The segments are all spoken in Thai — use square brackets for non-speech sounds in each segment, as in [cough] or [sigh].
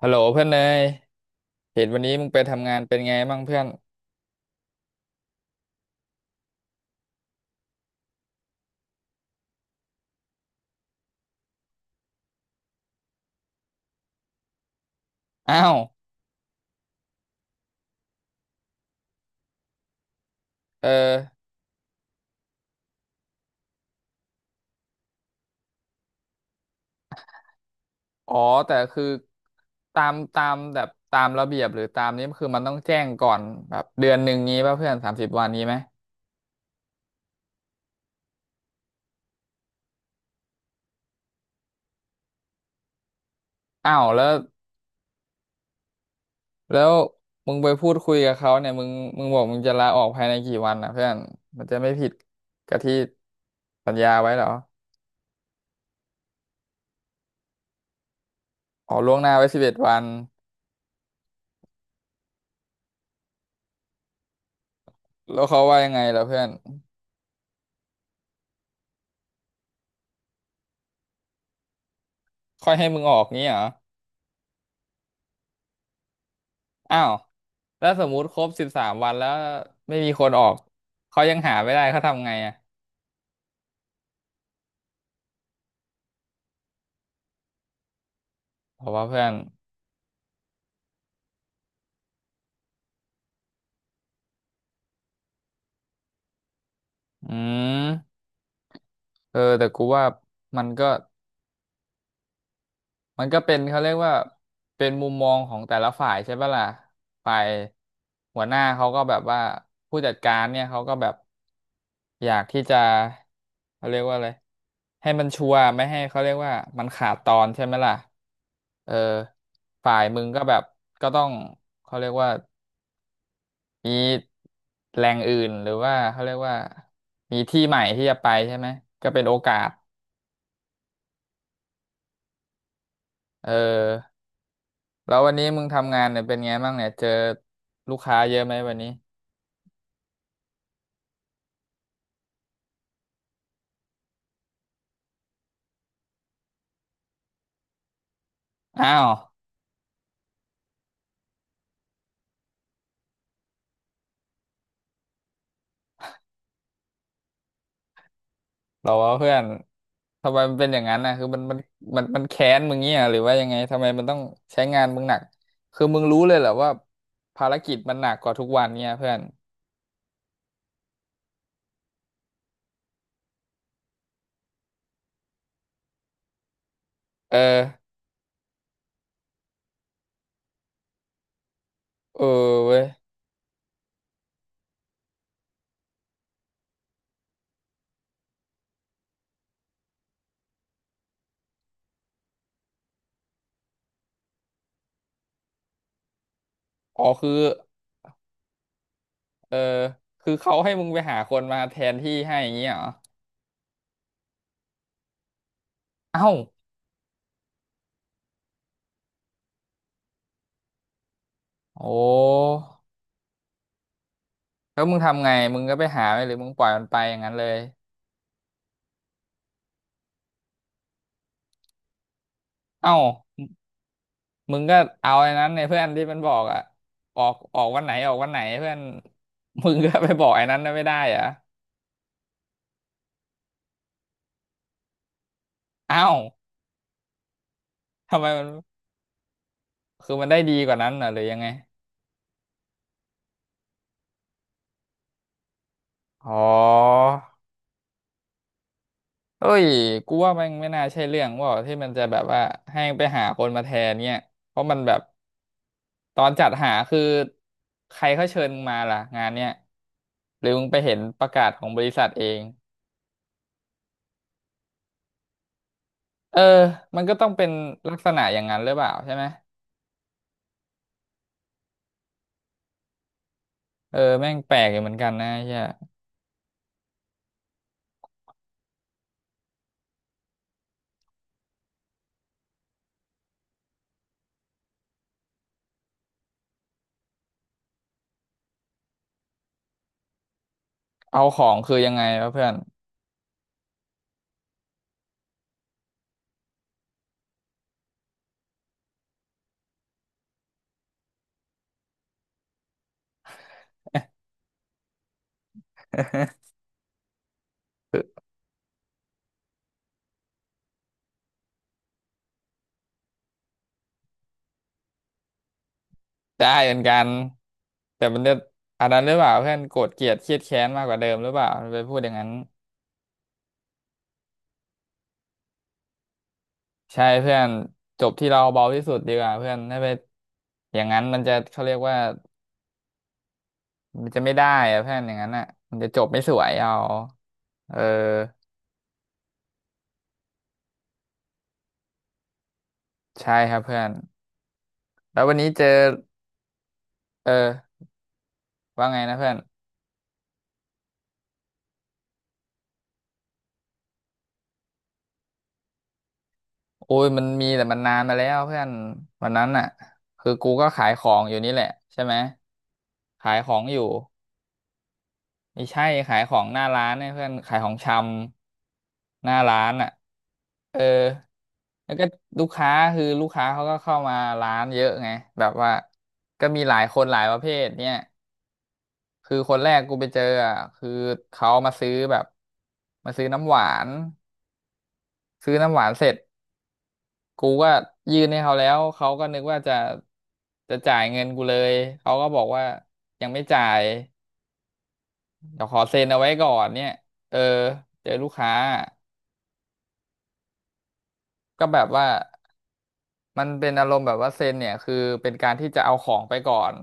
ฮัลโหลเพื่อนเลยเห็นวันนี้มึงไปทำงานเป็นไงบ้างเพื่อนอ้าวเอออ๋อแต่คือตามแบบตามระเบียบหรือตามนี้คือมันต้องแจ้งก่อนแบบเดือนหนึ่งงี้ป่ะเพื่อนสามสิบวันนี้ไหมอ้าวแล้วมึงไปพูดคุยกับเขาเนี่ยมึงบอกมึงจะลาออกภายในกี่วันนะเพื่อนมันจะไม่ผิดกับที่สัญญาไว้เหรออ๋อล่วงหน้าไว้สิบเอ็ดวันแล้วเขาว่ายังไงล่ะเพื่อนค่อยให้มึงออกงี้เหรอ อ้าวแล้วสมมุติครบสิบสามวันแล้วไม่มีคนออก เขายังหาไม่ได้เขาทำไงอ่ะเพราะว่าเพื่อนอืมเออแต่กูว่ามันก็มันก็เป็นเขาเรียกว่าเป็นมุมมองของแต่ละฝ่ายใช่ปะล่ะฝ่ายหัวหน้าเขาก็แบบว่าผู้จัดการเนี่ยเขาก็แบบอยากที่จะเขาเรียกว่าอะไรให้มันชัวร์ไม่ให้เขาเรียกว่ามันขาดตอนใช่ไหมล่ะเออฝ่ายมึงก็แบบก็ต้องเขาเรียกว่า มีแหล่งอื่นหรือว่าเขาเรียกว่ามีที่ใหม่ที่จะไปใช่ไหมก็เป็นโอกาสเออแล้ววันนี้มึงทำงานเนี่ยเป็นไงบ้างเนี่ยเจอลูกค้าเยอะไหมวันนี้อ้าวเหรอวะเพื่อนทำไมมันเป็นอย่างนั้นนะคือมันแค้นมึงเงี้ยหรือว่ายังไงทำไมมันต้องใช้งานมึงหนักคือมึงรู้เลยเหรอว่าภารกิจมันหนักกว่าทุกวันเนี่ยเพื่อนเออเออเว้ยอ๋อคือเออคือเขาให้มึงไปหาคนมาแทนที่ให้อย่างเงี้ยเหรอเอ้า โอ้แล้วมึงทำไงมึงก็ไปหาไหมหรือมึงปล่อยมันไปอย่างนั้นเลยเอ้ามึงก็เอาไอ้นั้นเนี่ยเพื่อนที่มันบอกอะออกออกวันไหนออกวันไหนเพื่อน [laughs] มึงก็ไปบอกไอ้นั้นน่ะไม่ได้เหรอะเอ้าทำไมมันคือมันได้ดีกว่านั้นน่ะหรือยังไงอ๋อ เอ้ยกูว่ามันไม่น่าใช่เรื่องว่าที่มันจะแบบว่าให้ไปหาคนมาแทนเนี่ยเพราะมันแบบตอนจัดหาคือใครเขาเชิญมึงมาล่ะงานเนี่ยหรือมึงไปเห็นประกาศของบริษัทเองเออมันก็ต้องเป็นลักษณะอย่างนั้นหรือเปล่าใช่ไหมเออแม่งแปลกอยู่เหมือนกันนะเฮียเอาของคือยังไงวะเพื่อน [laughs] ได้เหมือนกันแต่มันจะอันนั้นหรือเปล่าเพื่อนโกรธเกลียดเครียดแค้นมากกว่าเดิมหรือเปล่าไปพูดอย่างนั้น ใช่เพื่อนจบที่เราเบาที่สุดดีกว่าเพื่อนถ้าไปอย่างนั้นมันจะเขาเรียกว่ามันจะไม่ได้อะเพื่อนอย่างนั้นอ่ะมันจะจบไม่สวยเอาเออใช่ครับเพื่อนแล้ววันนี้เจอเออว่าไงนะเพื่อนโอ้ยมันมีแต่มันนานมาแล้วเพื่อนวันนั้นอ่ะคือกูก็ขายของอยู่นี่แหละใช่ไหมขายของอยู่ ไม่ใช่ขายของหน้าร้านเนี่ยเพื่อนขายของชำหน้าร้านอ่ะเออแล้วก็ลูกค้าคือลูกค้าเขาก็เข้ามาร้านเยอะไงแบบว่าก็มีหลายคนหลายประเภทเนี่ยคือคนแรกกูไปเจออ่ะคือเขามาซื้อแบบมาซื้อน้ำหวานซื้อน้ำหวานเสร็จกูก็ยื่นให้เขาแล้วเขาก็นึกว่าจะจ่ายเงินกูเลยเขาก็บอกว่ายังไม่จ่ายเดี๋ยวขอเซ็นเอาไว้ก่อนเนี่ยเออเจอลูกค้า ก็แบบว่ามันเป็นอารมณ์แบบว่าเซ็นเนี่ยคือเป็นการที่จะเอาของไปก่อน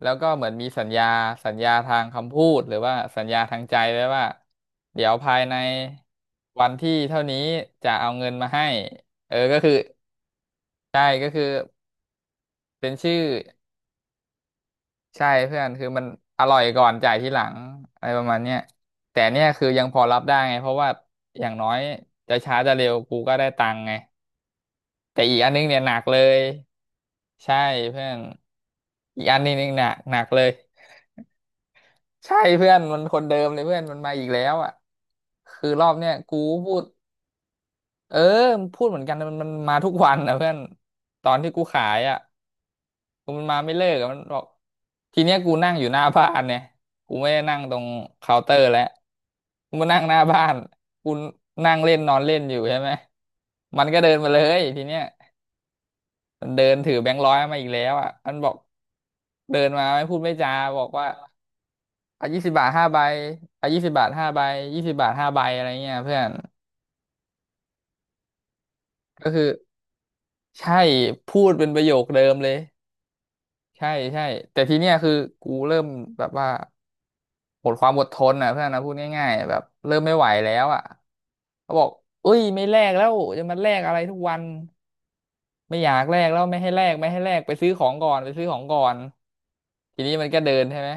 แล้วก็เหมือนมีสัญญาทางคำพูดหรือว่าสัญญาทางใจไว้ว่าเดี๋ยวภายในวันที่เท่านี้จะเอาเงินมาให้เออก็คือใช่ก็คือเป็นชื่อใช่เพื่อนคือมันอร่อยก่อนจ่ายทีหลังอะไรประมาณเนี้ยแต่เนี่ยคือยังพอรับได้ไงเพราะว่าอย่างน้อยจะช้าจะเร็วกูก็ได้ตังค์ไงแต่อีกอันนึงเนี่ยหนักเลย ใช่เพื่อนอีกอันนี้นี่หนักเลยใช่เพื่อนมันคนเดิมเลยเพื่อนมันมาอีกแล้วอ่ะคือรอบเนี้ยกูพูดเออมันพูดเหมือนกันแตมันมาทุกวันนะเพื่อนตอนที่กูขายอ่ะกูมันมาไม่เลิกอะมันบอกทีเนี้ยกูนั่งอยู่หน้าบ้านเนี่ยกูไม่ได้นั่งตรงเคาน์เตอร์แล้วกูมานั่งหน้าบ้านกูนั่งเล่นนอนเล่นอยู่ใช่ไหมมันก็เดินมาเลยทีเนี้ยมันเดินถือแบงค์ร้อยมาอีกแล้วอ่ะมันบอกเดินมาไม่พูดไม่จาบอกว่า อ่ะยี่สิบบาทห้าใบอ่ะยี่สิบบาทห้าใบยี่สิบบาทห้าใบอะไรเงี้ยเพื่อนก็คือใช่พูดเป็นประโยคเดิมเลยใช่ใช่แต่ทีเนี้ยคือกูเริ่มแบบว่าหมดความอดทนอ่ะเพื่อนนะพูดง่ายๆแบบเริ่มไม่ไหวแล้วอ่ะเขาบอกเอ้ยไม่แลกแล้วจะมาแลกอะไรทุกวัน ไม่อยากแลกแล้วไม่ให้แลกไปซื้อของก่อนไปซื้อของก่อนทีนี้มันก็เดินใช่ไหม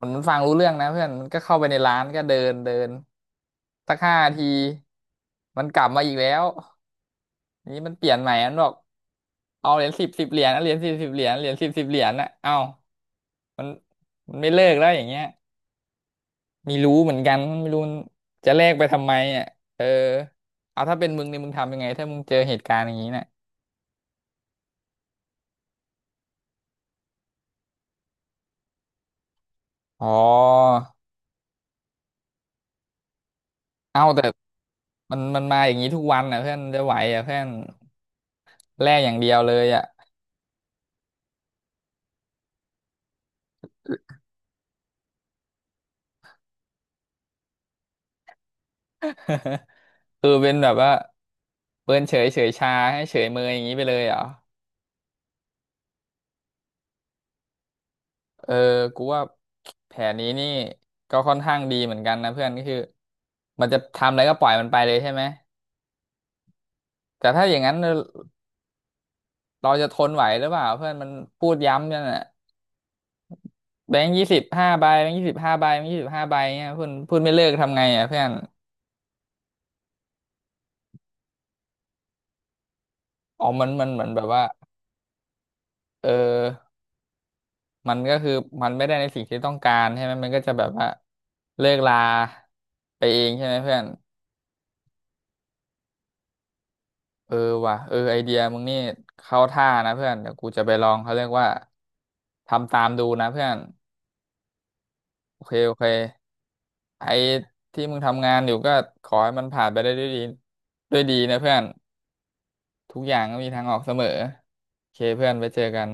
มันฟังรู้เรื่องนะเพื่อนมันก็เข้าไปในร้านก็เดินเดินสัก5 ทีมันกลับมาอีกแล้วทีนี้มันเปลี่ยนใหม่มันบอกเอาเหรียญสิบสิบเหรียญเอาเหรียญสิบสิบเหรียญเหรียญสิบสิบเหรียญนะเอามันมันไม่เลิกแล้วอย่างเงี้ยมีรู้เหมือนกันไม่รู้มันจะแลกไปทำไมอ่ะเออเอาถ้าเป็นมึงเนี่ยมึงทำยังไงถ้ามึงเจอเหตุการณ์อย่างนี้นะอ๋อเอาแต่ มันมาอย่างนี้ทุกวันอ่ะเพื่อนจะไหวอ่ะเพื่อนแลกอย่างเดียวเลยอ่ะคือเป็นแบบว่าเปิ้นเฉยชาให้เฉยเมยอย่างนี้ไปเลยเหรอเออกูว่าแผนนี้นี่ก็ค่อนข้างดีเหมือนกันนะเพื่อนก็คือมันจะทำอะไรก็ปล่อยมันไปเลยใช่ไหมแต่ถ้าอย่างนั้นเราจะทนไหวหรือเปล่าเพื่อนมันพูดย้ำนั่นน่ะแบงค์ยี่สิบห้าใบแบงค์ยี่สิบห้าใบแบงค์ยี่สิบห้าใบเนี่ยเพื่อนพูดไม่เลิกทำไงอ่ะเพื่อนอ๋อมันเหมือนแบบว่าเออ มันก็คือมันไม่ได้ในสิ่งที่ต้องการใช่ไหมมันก็จะแบบว่าเลิกลาไปเองใช่ไหมเพื่อนเออว่ะเออไอเดียมึงนี่เข้าท่านะเพื่อนเดี๋ยวกูจะไปลองเขาเรียกว่าทำตามดูนะเพื่อนโอเคโอเคไอที่มึงทำงานอยู่ก็ขอให้มันผ่านไปได้ด้วยดีด้วยดีนะเพื่อนทุกอย่างก็มีทางออกเสมอโอเคเพื่อนไปเจอกัน